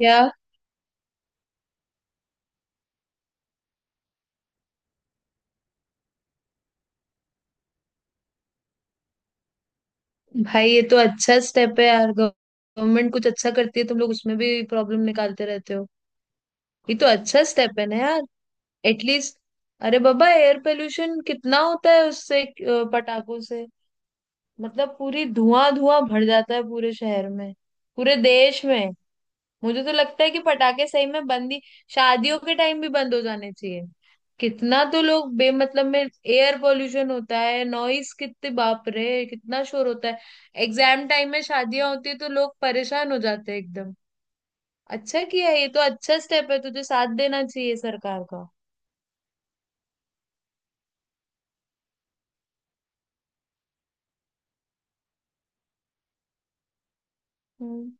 क्या? भाई, ये तो अच्छा स्टेप है यार। गवर्नमेंट कुछ अच्छा करती है तुम लोग उसमें भी प्रॉब्लम निकालते रहते हो। ये तो अच्छा स्टेप है ना यार, एटलीस्ट। अरे बाबा, एयर पोल्यूशन कितना होता है उससे, पटाखों से। मतलब पूरी धुआं धुआं भर जाता है पूरे शहर में, पूरे देश में। मुझे तो लगता है कि पटाखे सही में बंद ही, शादियों के टाइम भी बंद हो जाने चाहिए। कितना तो लोग बेमतलब में एयर पोल्यूशन होता है, नॉइस कितने, बाप रे कितना शोर होता है। एग्जाम टाइम में शादियां होती है तो लोग परेशान हो जाते हैं एकदम। अच्छा किया, ये तो अच्छा स्टेप है, तुझे साथ देना चाहिए सरकार का। हम्म।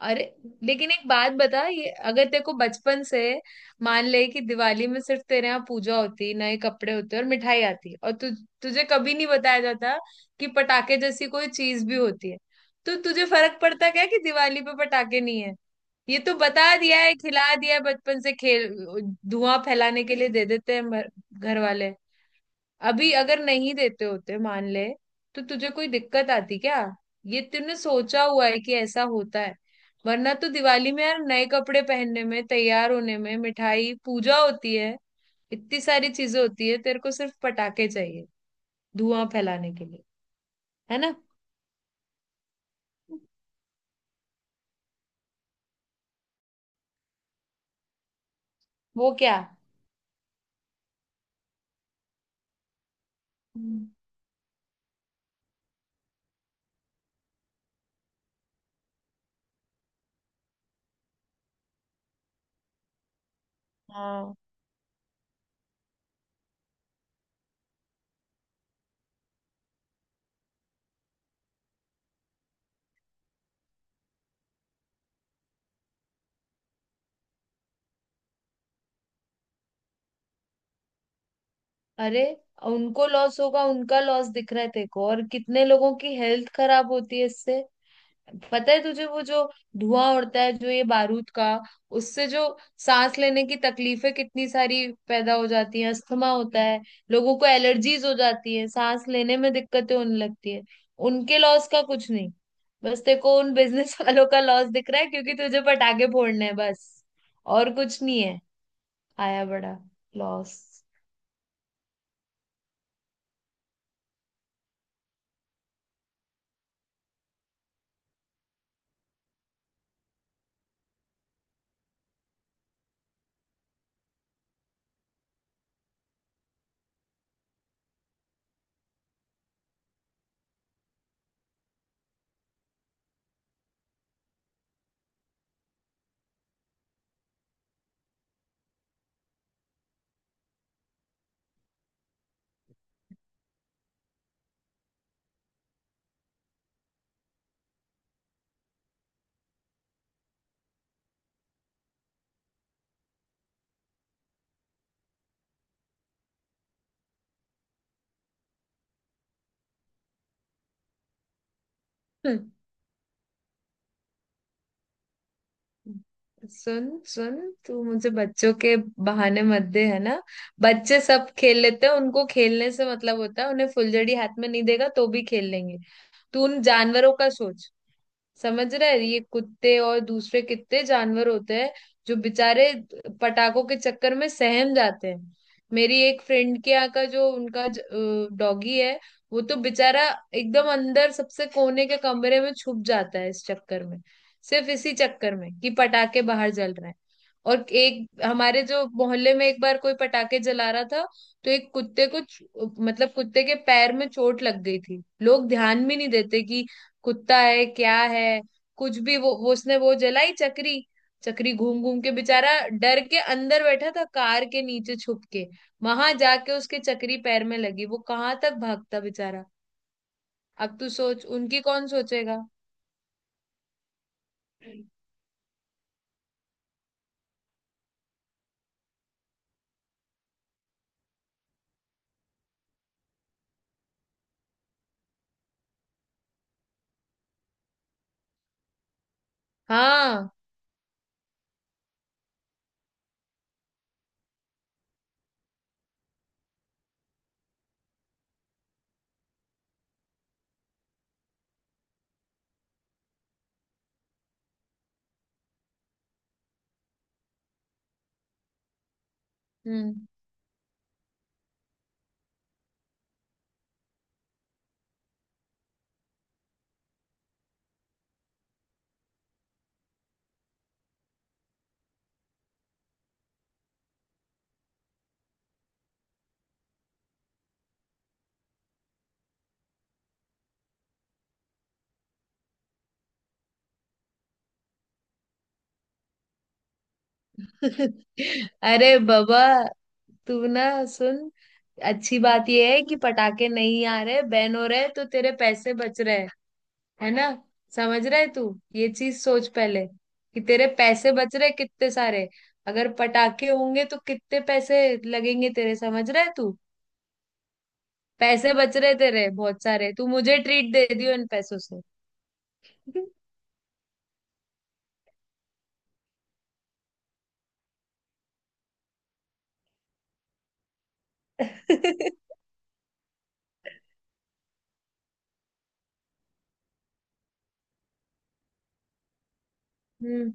अरे लेकिन एक बात बता, ये अगर तेरे को बचपन से, मान ले कि दिवाली में सिर्फ तेरे यहाँ पूजा होती, नए कपड़े होते और मिठाई आती और तुझे कभी नहीं बताया जाता कि पटाखे जैसी कोई चीज भी होती है, तो तुझे फर्क पड़ता क्या कि दिवाली पे पटाखे नहीं है? ये तो बता दिया है, खिला दिया है बचपन से खेल, धुआं फैलाने के लिए दे देते हैं घर वाले। अभी अगर नहीं देते होते मान ले तो तुझे कोई दिक्कत आती क्या? ये तूने सोचा हुआ है कि ऐसा होता है। वरना तो दिवाली में यार नए कपड़े पहनने में, तैयार होने में, मिठाई, पूजा होती है, इतनी सारी चीजें होती है। तेरे को सिर्फ पटाखे चाहिए धुआं फैलाने के लिए। है ना? वो क्या? हम्म। हाँ। अरे, उनको लॉस होगा, उनका लॉस दिख रहा है तेरे को, और कितने लोगों की हेल्थ खराब होती है इससे, पता है तुझे? वो जो धुआं उड़ता है जो ये बारूद का, उससे जो सांस लेने की तकलीफें कितनी सारी पैदा हो जाती हैं, अस्थमा होता है लोगों को, एलर्जीज हो जाती है, सांस लेने में दिक्कतें होने लगती है। उनके लॉस का कुछ नहीं, बस तेरे को उन बिजनेस वालों का लॉस दिख रहा है क्योंकि तुझे पटाखे फोड़ने हैं, बस। और कुछ नहीं है। आया बड़ा लॉस। हम्म। सुन, सुन, तू मुझे बच्चों के बहाने मत दे, है ना? बच्चे सब खेल लेते हैं, उनको खेलने से मतलब होता है, उन्हें फुलझड़ी हाथ में नहीं देगा तो भी खेल लेंगे। तू उन जानवरों का सोच। समझ रहे हैं? ये कुत्ते और दूसरे कितने जानवर होते हैं जो बेचारे पटाखों के चक्कर में सहम जाते हैं। मेरी एक फ्रेंड के यहाँ का जो उनका डॉगी है, वो तो बेचारा एकदम अंदर सबसे कोने के कमरे में छुप जाता है इस चक्कर में, सिर्फ इसी चक्कर में कि पटाखे बाहर जल रहे हैं। और एक हमारे जो मोहल्ले में एक बार कोई पटाखे जला रहा था, तो एक कुत्ते को मतलब कुत्ते के पैर में चोट लग गई थी। लोग ध्यान भी नहीं देते कि कुत्ता है क्या है कुछ भी, वो उसने वो जलाई चक्री, चक्री घूम घूम के, बेचारा डर के अंदर बैठा था कार के नीचे छुप के, वहां जाके उसके चक्री पैर में लगी, वो कहाँ तक भागता बेचारा। अब तू सोच, उनकी कौन सोचेगा। हाँ। हम्म। अरे बाबा, तू ना सुन, अच्छी बात यह है कि पटाखे नहीं आ रहे, बैन हो रहे, तो तेरे पैसे बच रहे हैं, है ना? समझ रहे तू? ये चीज सोच पहले, कि तेरे पैसे बच रहे कितने सारे। अगर पटाखे होंगे तो कितने पैसे लगेंगे तेरे, समझ रहे तू? पैसे बच रहे तेरे बहुत सारे, तू मुझे ट्रीट दे दियो इन पैसों से। हम्म।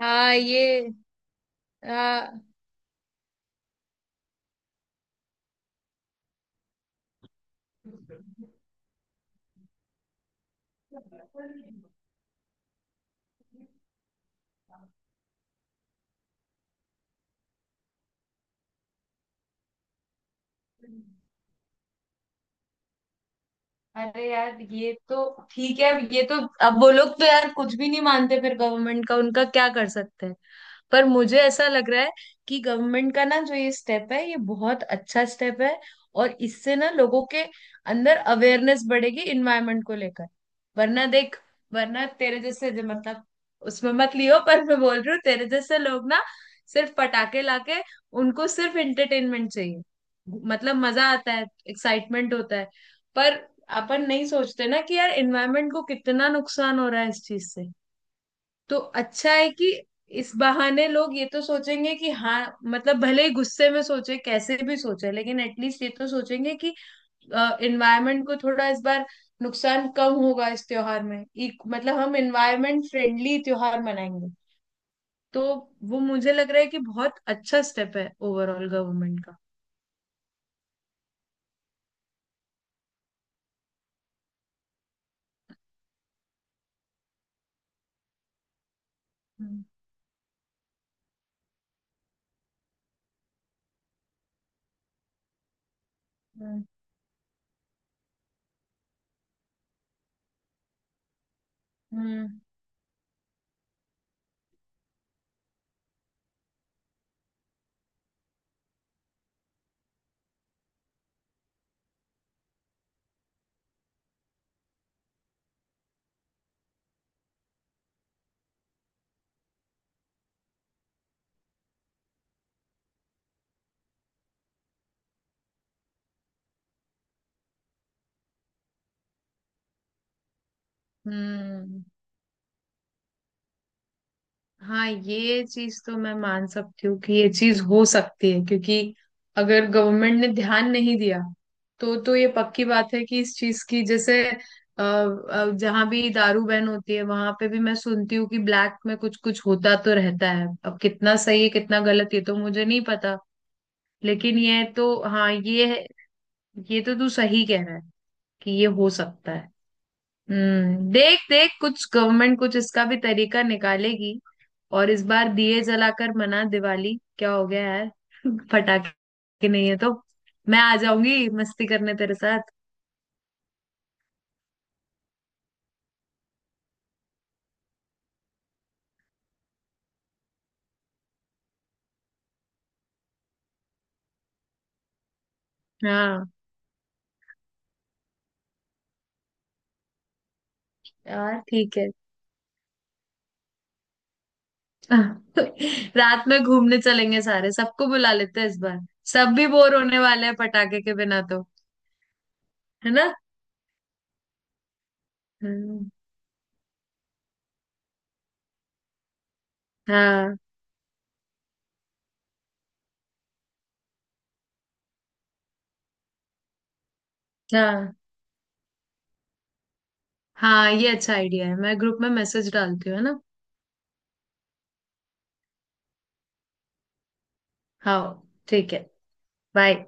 हाँ ये, हाँ। अरे यार, ये तो ठीक है। अब ये तो, अब वो लोग तो यार कुछ भी नहीं मानते फिर, गवर्नमेंट का उनका क्या कर सकते हैं। पर मुझे ऐसा लग रहा है कि गवर्नमेंट का ना जो ये स्टेप है ये बहुत अच्छा स्टेप है, और इससे ना लोगों के अंदर अवेयरनेस बढ़ेगी इन्वायरमेंट को लेकर। वरना देख, वरना तेरे जैसे जो मतलब, उसमें मत लियो पर मैं बोल रही हूँ, तेरे जैसे लोग ना सिर्फ पटाखे लाके, उनको सिर्फ एंटरटेनमेंट चाहिए। मतलब मजा आता है, एक्साइटमेंट होता है, पर अपन नहीं सोचते ना कि यार एनवायरनमेंट को कितना नुकसान हो रहा है इस चीज से। तो अच्छा है कि इस बहाने लोग ये तो सोचेंगे कि हाँ, मतलब भले ही गुस्से में सोचे, कैसे भी सोचे, लेकिन एटलीस्ट ये तो सोचेंगे कि एनवायरनमेंट को थोड़ा इस बार नुकसान कम होगा इस त्योहार में, मतलब हम एनवायरनमेंट फ्रेंडली त्योहार मनाएंगे। तो वो मुझे लग रहा है कि बहुत अच्छा स्टेप है ओवरऑल गवर्नमेंट का। हम्म हम्म हम्म हम्म। हाँ, ये चीज तो मैं मान सकती हूँ कि ये चीज हो सकती है, क्योंकि अगर गवर्नमेंट ने ध्यान नहीं दिया तो ये पक्की बात है कि इस चीज की, जैसे जहाँ भी दारू बैन होती है वहां पे भी मैं सुनती हूँ कि ब्लैक में कुछ कुछ होता तो रहता है। अब कितना सही है कितना गलत ये तो मुझे नहीं पता, लेकिन ये तो, हाँ ये है, ये तो तू सही कह रहा है कि ये हो सकता है। हम्म, देख देख, कुछ गवर्नमेंट कुछ इसका भी तरीका निकालेगी। और इस बार दिए जलाकर मना, दिवाली क्या हो गया यार। पटाखे नहीं है तो मैं आ जाऊंगी मस्ती करने तेरे साथ। हाँ यार ठीक है। रात में घूमने चलेंगे सारे, सबको बुला लेते हैं इस बार। सब भी बोर होने वाले हैं पटाखे के बिना तो। है ना? हम्म, हाँ हाँ। हाँ ये अच्छा आइडिया है, मैं ग्रुप में मैसेज डालती हूँ, है ना? हाँ ठीक है, बाय।